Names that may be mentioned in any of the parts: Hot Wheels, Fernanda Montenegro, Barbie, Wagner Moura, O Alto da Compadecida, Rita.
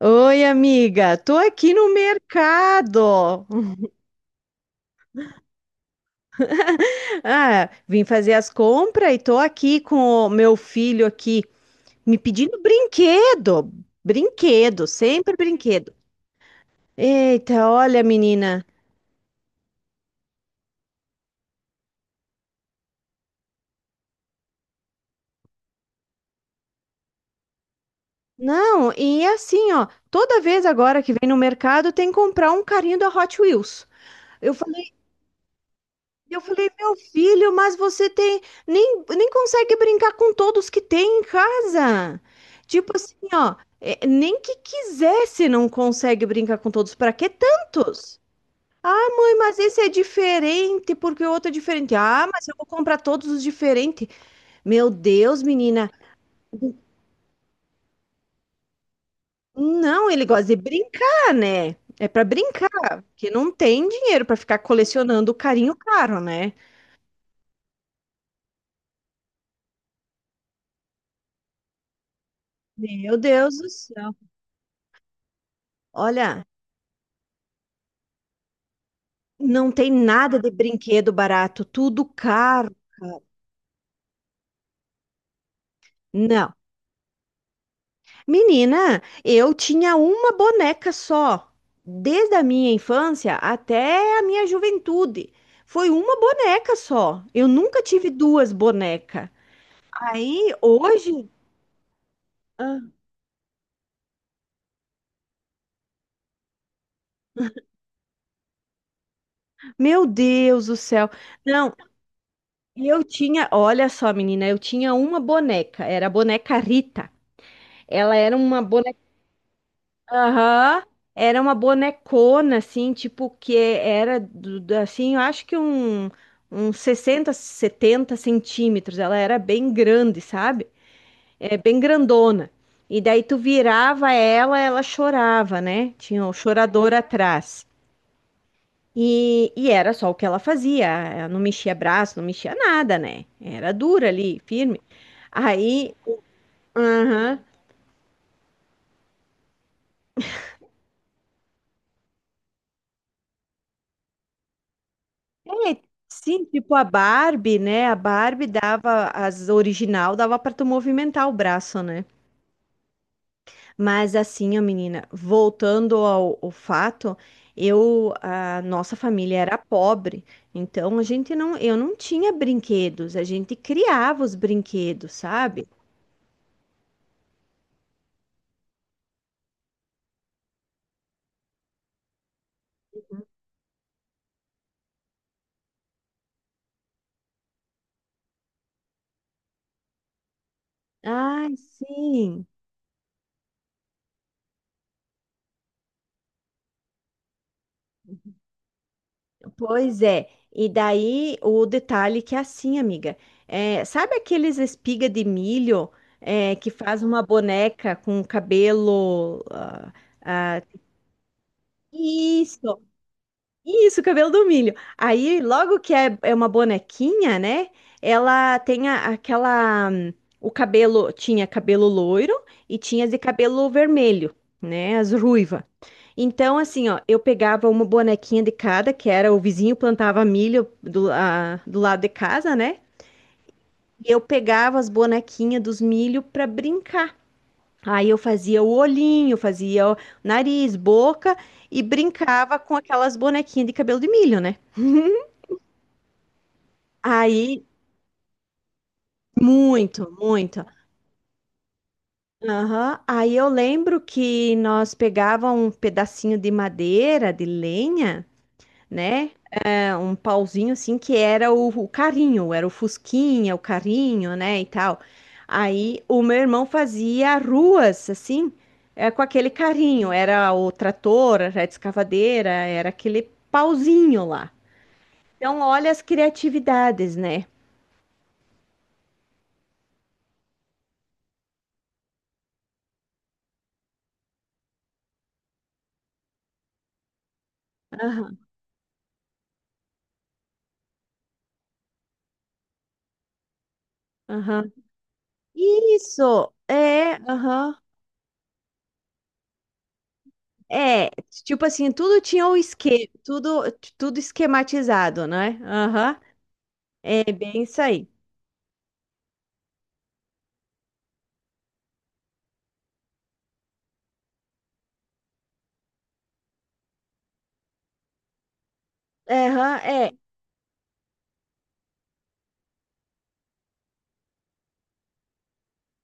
Oi, amiga, tô aqui no mercado. Ah, vim fazer as compras e tô aqui com o meu filho aqui me pedindo brinquedo, brinquedo, sempre brinquedo. Eita, olha, menina. Não, e é assim, ó, toda vez agora que vem no mercado tem que comprar um carrinho da Hot Wheels. Eu Eu falei, meu filho, mas você tem nem consegue brincar com todos que tem em casa. Tipo assim, ó, é, nem que quisesse não consegue brincar com todos. Pra que tantos? Ah, mãe, mas esse é diferente porque o outro é diferente. Ah, mas eu vou comprar todos os diferentes. Meu Deus, menina. Não, ele gosta de brincar, né? É pra brincar, que não tem dinheiro pra ficar colecionando carinho caro, né? Meu Deus do céu. Olha. Não tem nada de brinquedo barato, tudo caro. Não. Menina, eu tinha uma boneca só, desde a minha infância até a minha juventude. Foi uma boneca só. Eu nunca tive duas bonecas. Aí, hoje, ah, meu Deus do céu. Não, eu tinha, olha só, menina, eu tinha uma boneca, era a boneca Rita. Ela era uma boneca. Aham. Era uma bonecona, assim, tipo, que era, assim, eu acho que uns 60, 70 centímetros. Ela era bem grande, sabe? É, bem grandona. E daí tu virava ela, ela chorava, né? Tinha o chorador atrás. E era só o que ela fazia. Ela não mexia braço, não mexia nada, né? Era dura ali, firme. Aí, aham. É, sim, tipo a Barbie, né? A Barbie dava, as original dava pra tu movimentar o braço, né? Mas assim, ó, menina, voltando ao fato, a nossa família era pobre, então a gente não, eu não tinha brinquedos, a gente criava os brinquedos, sabe? Ai, sim. Pois é, e daí o detalhe que é assim, amiga, é, sabe aqueles espiga de milho é, que faz uma boneca com cabelo? Ah, isso, isso, cabelo do milho. Aí, logo que é uma bonequinha, né? Ela tem aquela. O cabelo tinha cabelo loiro e tinha de cabelo vermelho, né? As ruiva. Então, assim, ó, eu pegava uma bonequinha de cada, que era o vizinho plantava milho do lado de casa, né? E eu pegava as bonequinhas dos milho pra brincar. Aí eu fazia o olhinho, fazia o nariz, boca e brincava com aquelas bonequinhas de cabelo de milho, né? Aí muito, muito. Aham. Aí eu lembro que nós pegava um pedacinho de madeira, de lenha, né? É, um pauzinho assim que era o carrinho, era o fusquinha, o carrinho, né, e tal. Aí o meu irmão fazia ruas assim, é, com aquele carrinho, era o trator, era a escavadeira, era aquele pauzinho lá. Então, olha as criatividades, né? Aham, aham. Isso, é, aham. É, tipo assim, tudo tinha um esquema, tudo esquematizado, né? Aham, é bem isso aí. Aham, é.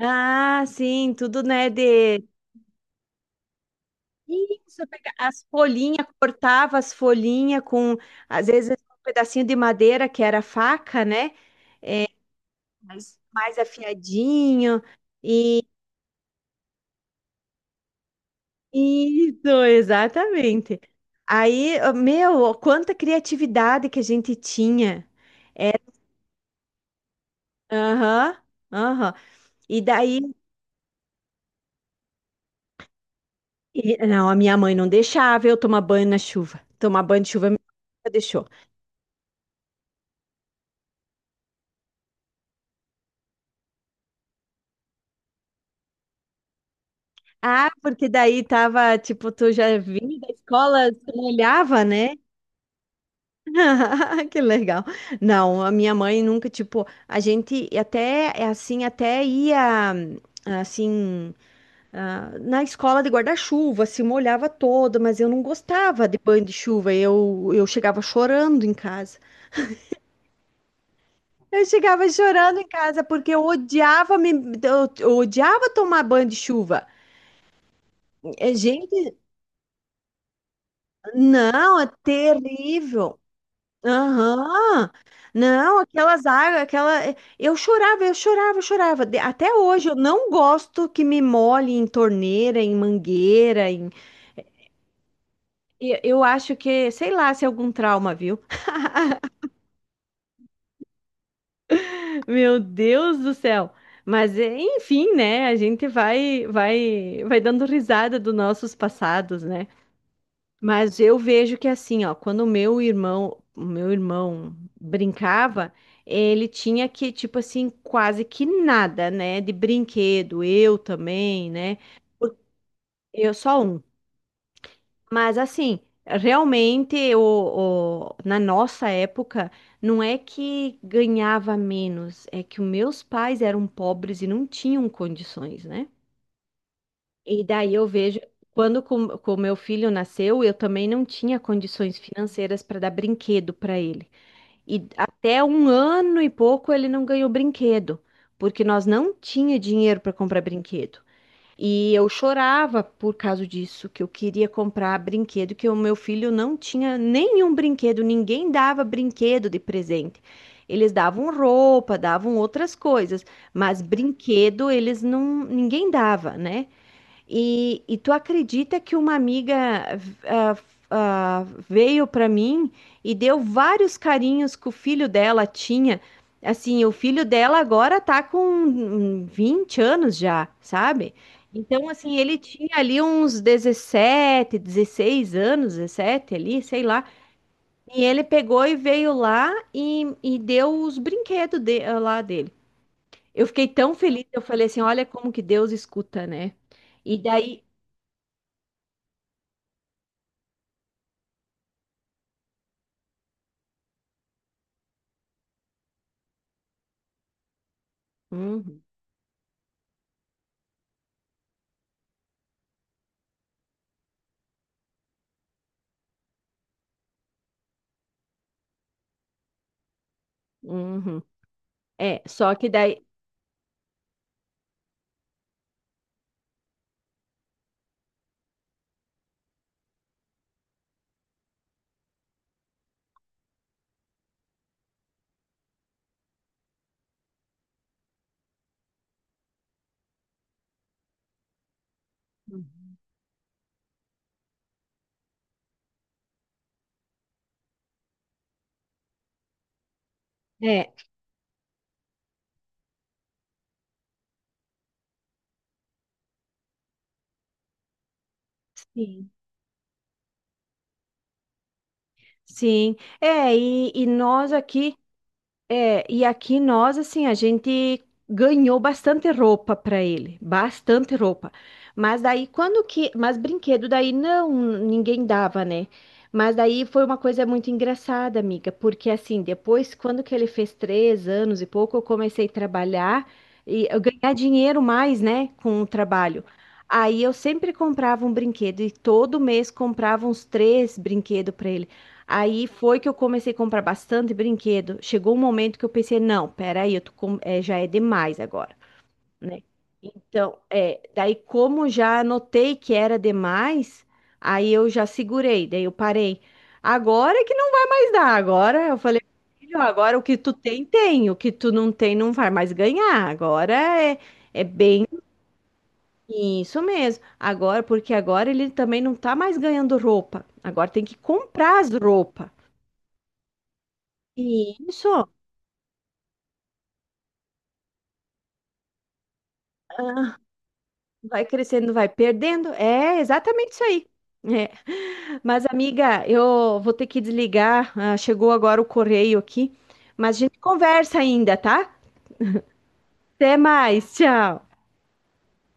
Ah, sim, tudo, né, de. Isso, pega as folhinhas, cortava as folhinhas com, às vezes, um pedacinho de madeira que era faca, né? Mas mais afiadinho. E isso, exatamente. Aí, meu, quanta criatividade que a gente tinha. Aham, aham. E daí. Não, a minha mãe não deixava eu tomar banho na chuva. Tomar banho de chuva, minha mãe nunca deixou. Ah, porque daí tava, tipo, tu já vinha da escola, tu molhava, né? Que legal. Não, a minha mãe nunca, tipo, a gente até, é assim, até ia, assim, ah, na escola de guarda-chuva, se molhava toda, mas eu não gostava de banho de chuva, eu chegava chorando em casa. Eu chegava chorando em casa porque eu odiava eu odiava tomar banho de chuva. É, gente, não, é terrível. Aham. Não, aquelas águas, aquela. Eu chorava, eu chorava, eu chorava. Até hoje eu não gosto que me molhe em torneira, em mangueira, em. Eu acho que, sei lá, se é algum trauma, viu? Meu Deus do céu. Mas é, enfim, né? A gente vai, vai, vai dando risada dos nossos passados, né? Mas eu vejo que assim, ó, quando o meu irmão brincava, ele tinha que, tipo assim, quase que nada, né, de brinquedo, eu também, né? Eu só um. Mas assim, realmente na nossa época, não é que ganhava menos, é que os meus pais eram pobres e não tinham condições, né? E daí eu vejo, quando com meu filho nasceu, eu também não tinha condições financeiras para dar brinquedo para ele. E até um ano e pouco ele não ganhou brinquedo, porque nós não tinha dinheiro para comprar brinquedo. E eu chorava por causa disso, que eu queria comprar brinquedo, que o meu filho não tinha nenhum brinquedo, ninguém dava brinquedo de presente. Eles davam roupa, davam outras coisas, mas brinquedo eles não, ninguém dava, né? E tu acredita que uma amiga ah, veio para mim e deu vários carinhos que o filho dela tinha? Assim, o filho dela agora tá com 20 anos já, sabe? Então, assim, ele tinha ali uns 17, 16 anos, 17 ali, sei lá. E ele pegou e veio lá e deu os brinquedos lá dele. Eu fiquei tão feliz, eu falei assim, olha como que Deus escuta, né? E daí. Uhum, uhum. É, só que daí. É, sim, sim. É, e nós aqui. É, e aqui nós, assim, a gente ganhou bastante roupa para ele, bastante roupa. Mas daí, quando que. Mas brinquedo, daí não, ninguém dava, né? Mas daí foi uma coisa muito engraçada, amiga, porque assim, depois, quando que ele fez 3 anos e pouco, eu comecei a trabalhar e eu ganhar dinheiro mais, né, com o trabalho. Aí eu sempre comprava um brinquedo e todo mês comprava uns três brinquedos para ele. Aí foi que eu comecei a comprar bastante brinquedo. Chegou um momento que eu pensei, não, peraí, eu tô já é demais agora, né? Então, é, daí como já notei que era demais, aí eu já segurei, daí eu parei. Agora é que não vai mais dar, agora eu falei, filho, agora o que tu tem, tem, o que tu não tem, não vai mais ganhar. Agora é bem isso mesmo. Agora, porque agora ele também não tá mais ganhando roupa. Agora tem que comprar as roupas. E isso, ah, vai crescendo, vai perdendo. É exatamente isso aí. É. Mas, amiga, eu vou ter que desligar. Ah, chegou agora o correio aqui. Mas a gente conversa ainda, tá? Até mais, tchau.